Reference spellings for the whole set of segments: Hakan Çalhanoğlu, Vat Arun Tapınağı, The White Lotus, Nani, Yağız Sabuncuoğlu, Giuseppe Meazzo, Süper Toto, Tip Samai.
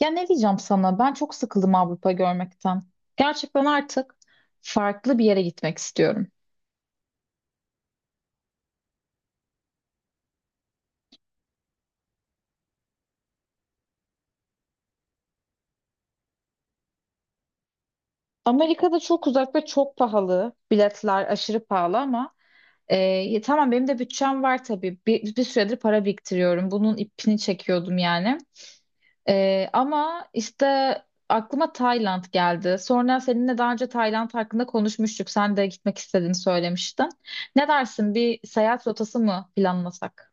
Ya ne diyeceğim sana? Ben çok sıkıldım Avrupa görmekten. Gerçekten artık farklı bir yere gitmek istiyorum. Amerika'da çok uzak ve çok pahalı. Biletler aşırı pahalı ama ya tamam benim de bütçem var tabii. Bir süredir para biriktiriyorum. Bunun ipini çekiyordum yani. Ama işte aklıma Tayland geldi. Sonra seninle daha önce Tayland hakkında konuşmuştuk. Sen de gitmek istediğini söylemiştin. Ne dersin? Bir seyahat rotası mı planlasak?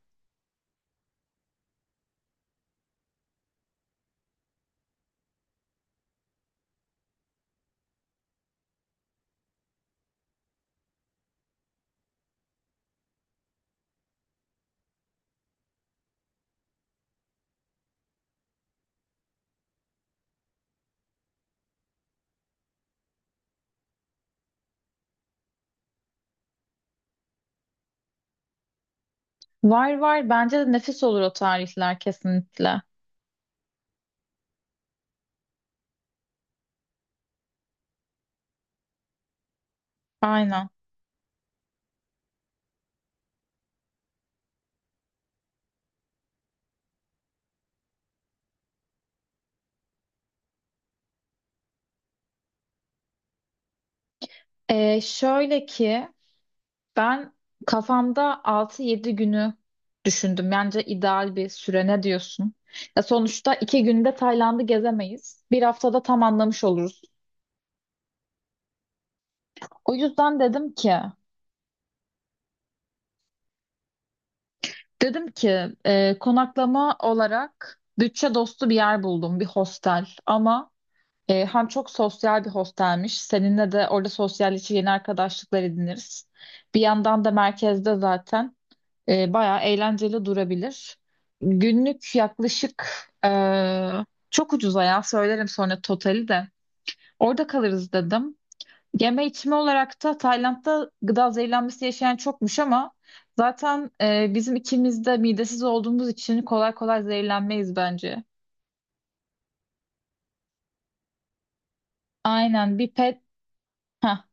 Var var. Bence de nefis olur o tarihler kesinlikle. Aynen. Şöyle ki ben kafamda 6 7 günü düşündüm. Bence ideal bir süre, ne diyorsun? Ya sonuçta 2 günde Tayland'ı gezemeyiz. Bir haftada tam anlamış oluruz. O yüzden dedim ki konaklama olarak bütçe dostu bir yer buldum, bir hostel. Ama hem çok sosyal bir hostelmiş. Seninle de orada sosyalleşir, yeni arkadaşlıklar ediniriz. Bir yandan da merkezde zaten. Bayağı eğlenceli durabilir. Günlük yaklaşık e, çok ucuza, ya söylerim sonra totali de. Orada kalırız dedim. Yeme içme olarak da Tayland'da gıda zehirlenmesi yaşayan çokmuş ama zaten bizim ikimiz de midesiz olduğumuz için kolay kolay zehirlenmeyiz bence. Aynen bir pet. Heh.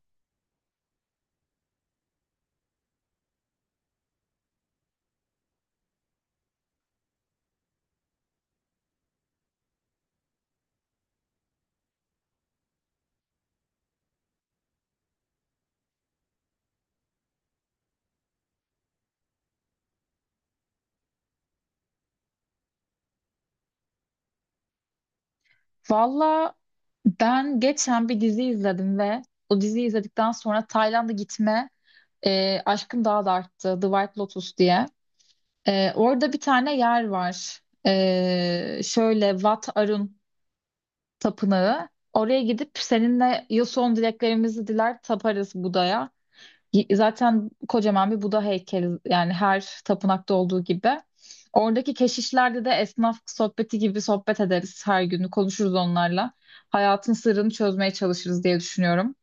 Valla ben geçen bir dizi izledim ve o diziyi izledikten sonra Tayland'a gitme aşkım daha da arttı. The White Lotus diye. Orada bir tane yer var. Şöyle, Vat Arun Tapınağı. Oraya gidip seninle ya son dileklerimizi diler, taparız Buda'ya. Zaten kocaman bir Buda heykeli yani, her tapınakta olduğu gibi. Oradaki keşişlerde de esnaf sohbeti gibi sohbet ederiz her gün. Konuşuruz onlarla. Hayatın sırrını çözmeye çalışırız diye düşünüyorum.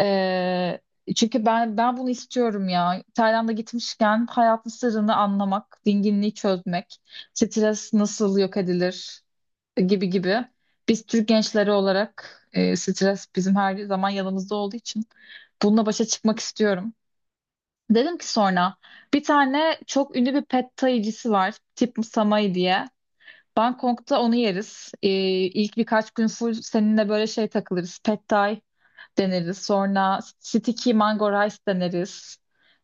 Ee, Çünkü ben bunu istiyorum ya. Tayland'a gitmişken hayatın sırrını anlamak, dinginliği çözmek, stres nasıl yok edilir gibi gibi. Biz Türk gençleri olarak stres bizim her zaman yanımızda olduğu için bununla başa çıkmak istiyorum. Dedim ki sonra bir tane çok ünlü bir pad thai'cisi var, Tip Samai diye. Bangkok'ta onu yeriz. İlk birkaç gün full seninle böyle şey takılırız. Pad Thai deneriz. Sonra sticky mango rice deneriz.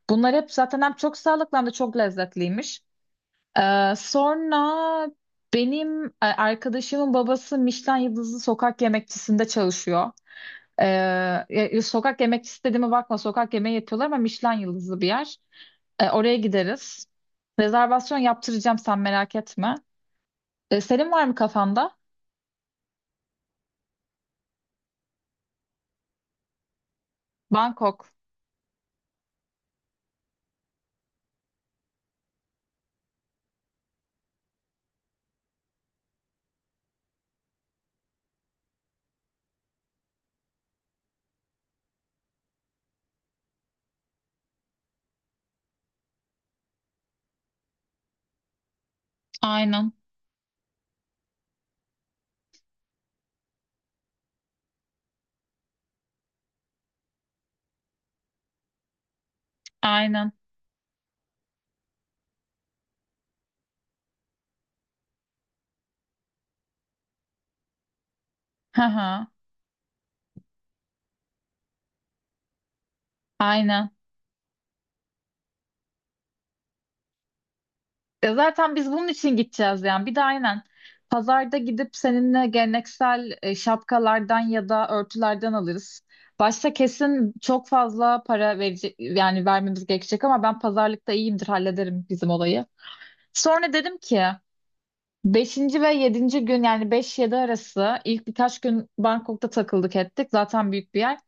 Bunlar hep zaten hem çok sağlıklı hem de çok lezzetliymiş. Sonra benim arkadaşımın babası Michelin yıldızlı sokak yemekçisinde çalışıyor. Sokak yemekçisi dediğime bakma, sokak yemeği yapıyorlar ama Michelin yıldızlı bir yer. Oraya gideriz. Rezervasyon yaptıracağım, sen merak etme. Senin var mı kafanda? Bangkok. Aynen. Aynen. Hı hı. Aynen. Ya zaten biz bunun için gideceğiz yani. Bir de aynen pazarda gidip seninle geleneksel şapkalardan ya da örtülerden alırız. Başta kesin çok fazla para verecek, yani vermemiz gerekecek, ama ben pazarlıkta iyiyimdir, hallederim bizim olayı. Sonra dedim ki, beşinci ve yedinci gün yani beş-yedi arası ilk birkaç gün Bangkok'ta takıldık ettik. Zaten büyük bir yer.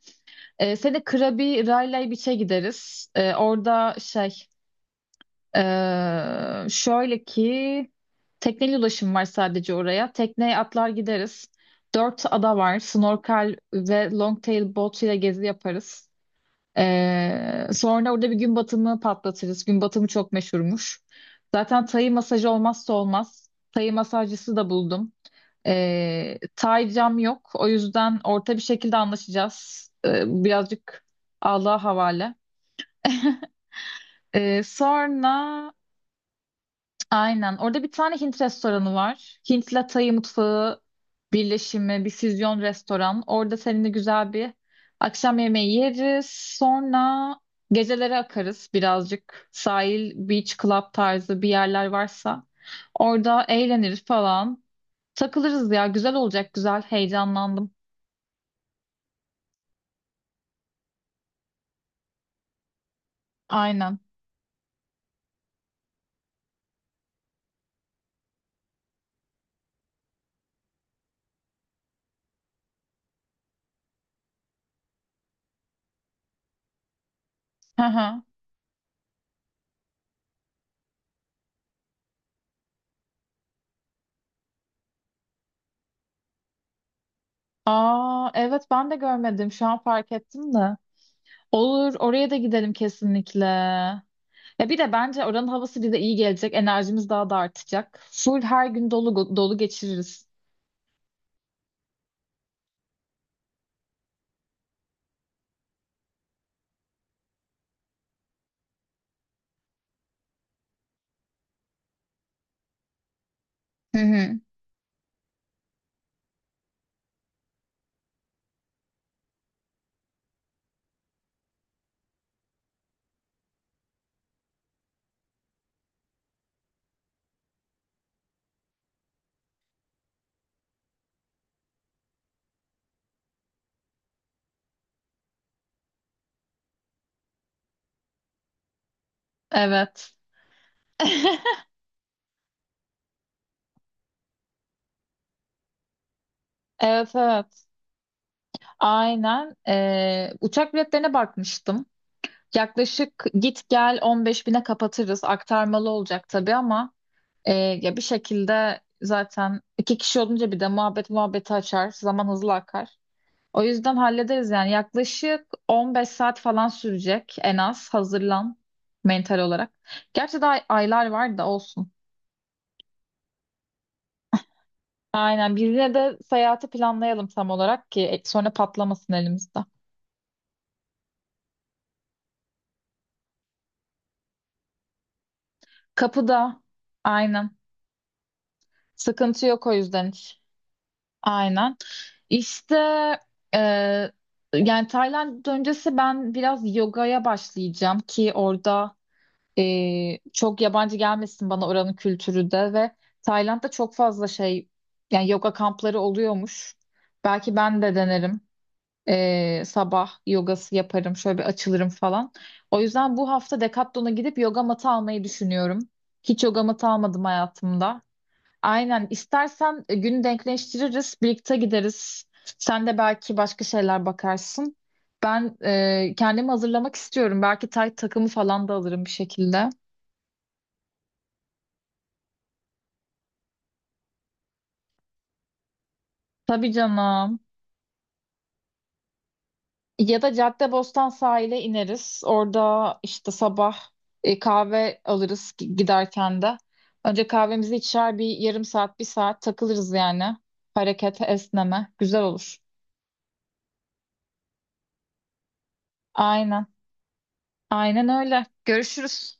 Seni Krabi Railay Beach'e gideriz. Orada şöyle ki tekneyle ulaşım var sadece oraya. Tekneye atlar, gideriz. Dört ada var. Snorkel ve longtail boat ile gezi yaparız. Sonra orada bir gün batımı patlatırız. Gün batımı çok meşhurmuş. Zaten Tay masajı olmazsa olmaz. Tay masajcısı da buldum. Tay cam yok. O yüzden orta bir şekilde anlaşacağız. Birazcık Allah'a havale. Sonra Aynen. Orada bir tane Hint restoranı var. Hint'le Tay mutfağı birleşimi, bir füzyon restoran. Orada seninle güzel bir akşam yemeği yeriz. Sonra gecelere akarız birazcık. Sahil, beach club tarzı bir yerler varsa. Orada eğleniriz falan. Takılırız ya. Güzel olacak. Güzel. Heyecanlandım. Aynen. Hı hı. Aa, evet, ben de görmedim. Şu an fark ettim de. Olur, oraya da gidelim kesinlikle. Ya bir de bence oranın havası bize iyi gelecek. Enerjimiz daha da artacak. Full her gün dolu dolu geçiririz. Hı hı. Evet. Evet evet. Aynen. Uçak biletlerine bakmıştım. Yaklaşık git gel 15 bine kapatırız. Aktarmalı olacak tabii ama ya bir şekilde zaten iki kişi olunca bir de muhabbet muhabbeti açar. Zaman hızlı akar. O yüzden hallederiz yani. Yaklaşık 15 saat falan sürecek en az. Hazırlan mental olarak. Gerçi daha aylar var da olsun. Aynen. Biz yine de seyahati planlayalım tam olarak, ki sonra patlamasın elimizde. Kapıda. Aynen. Sıkıntı yok o yüzden hiç. Aynen. İşte e, yani Tayland öncesi ben biraz yogaya başlayacağım, ki orada çok yabancı gelmesin bana oranın kültürü de. Ve Tayland'da çok fazla şey, yani yoga kampları oluyormuş. Belki ben de denerim. Sabah yogası yaparım, şöyle bir açılırım falan. O yüzden bu hafta Decathlon'a gidip yoga matı almayı düşünüyorum. Hiç yoga matı almadım hayatımda. Aynen. istersen günü denkleştiririz, birlikte gideriz. Sen de belki başka şeyler bakarsın. Ben kendimi hazırlamak istiyorum. Belki tay takımı falan da alırım bir şekilde. Tabii canım. Ya da Caddebostan sahile ineriz. Orada işte sabah kahve alırız giderken de. Önce kahvemizi içer, bir yarım saat, bir saat takılırız yani. Harekete, esneme. Güzel olur. Aynen. Aynen öyle. Görüşürüz.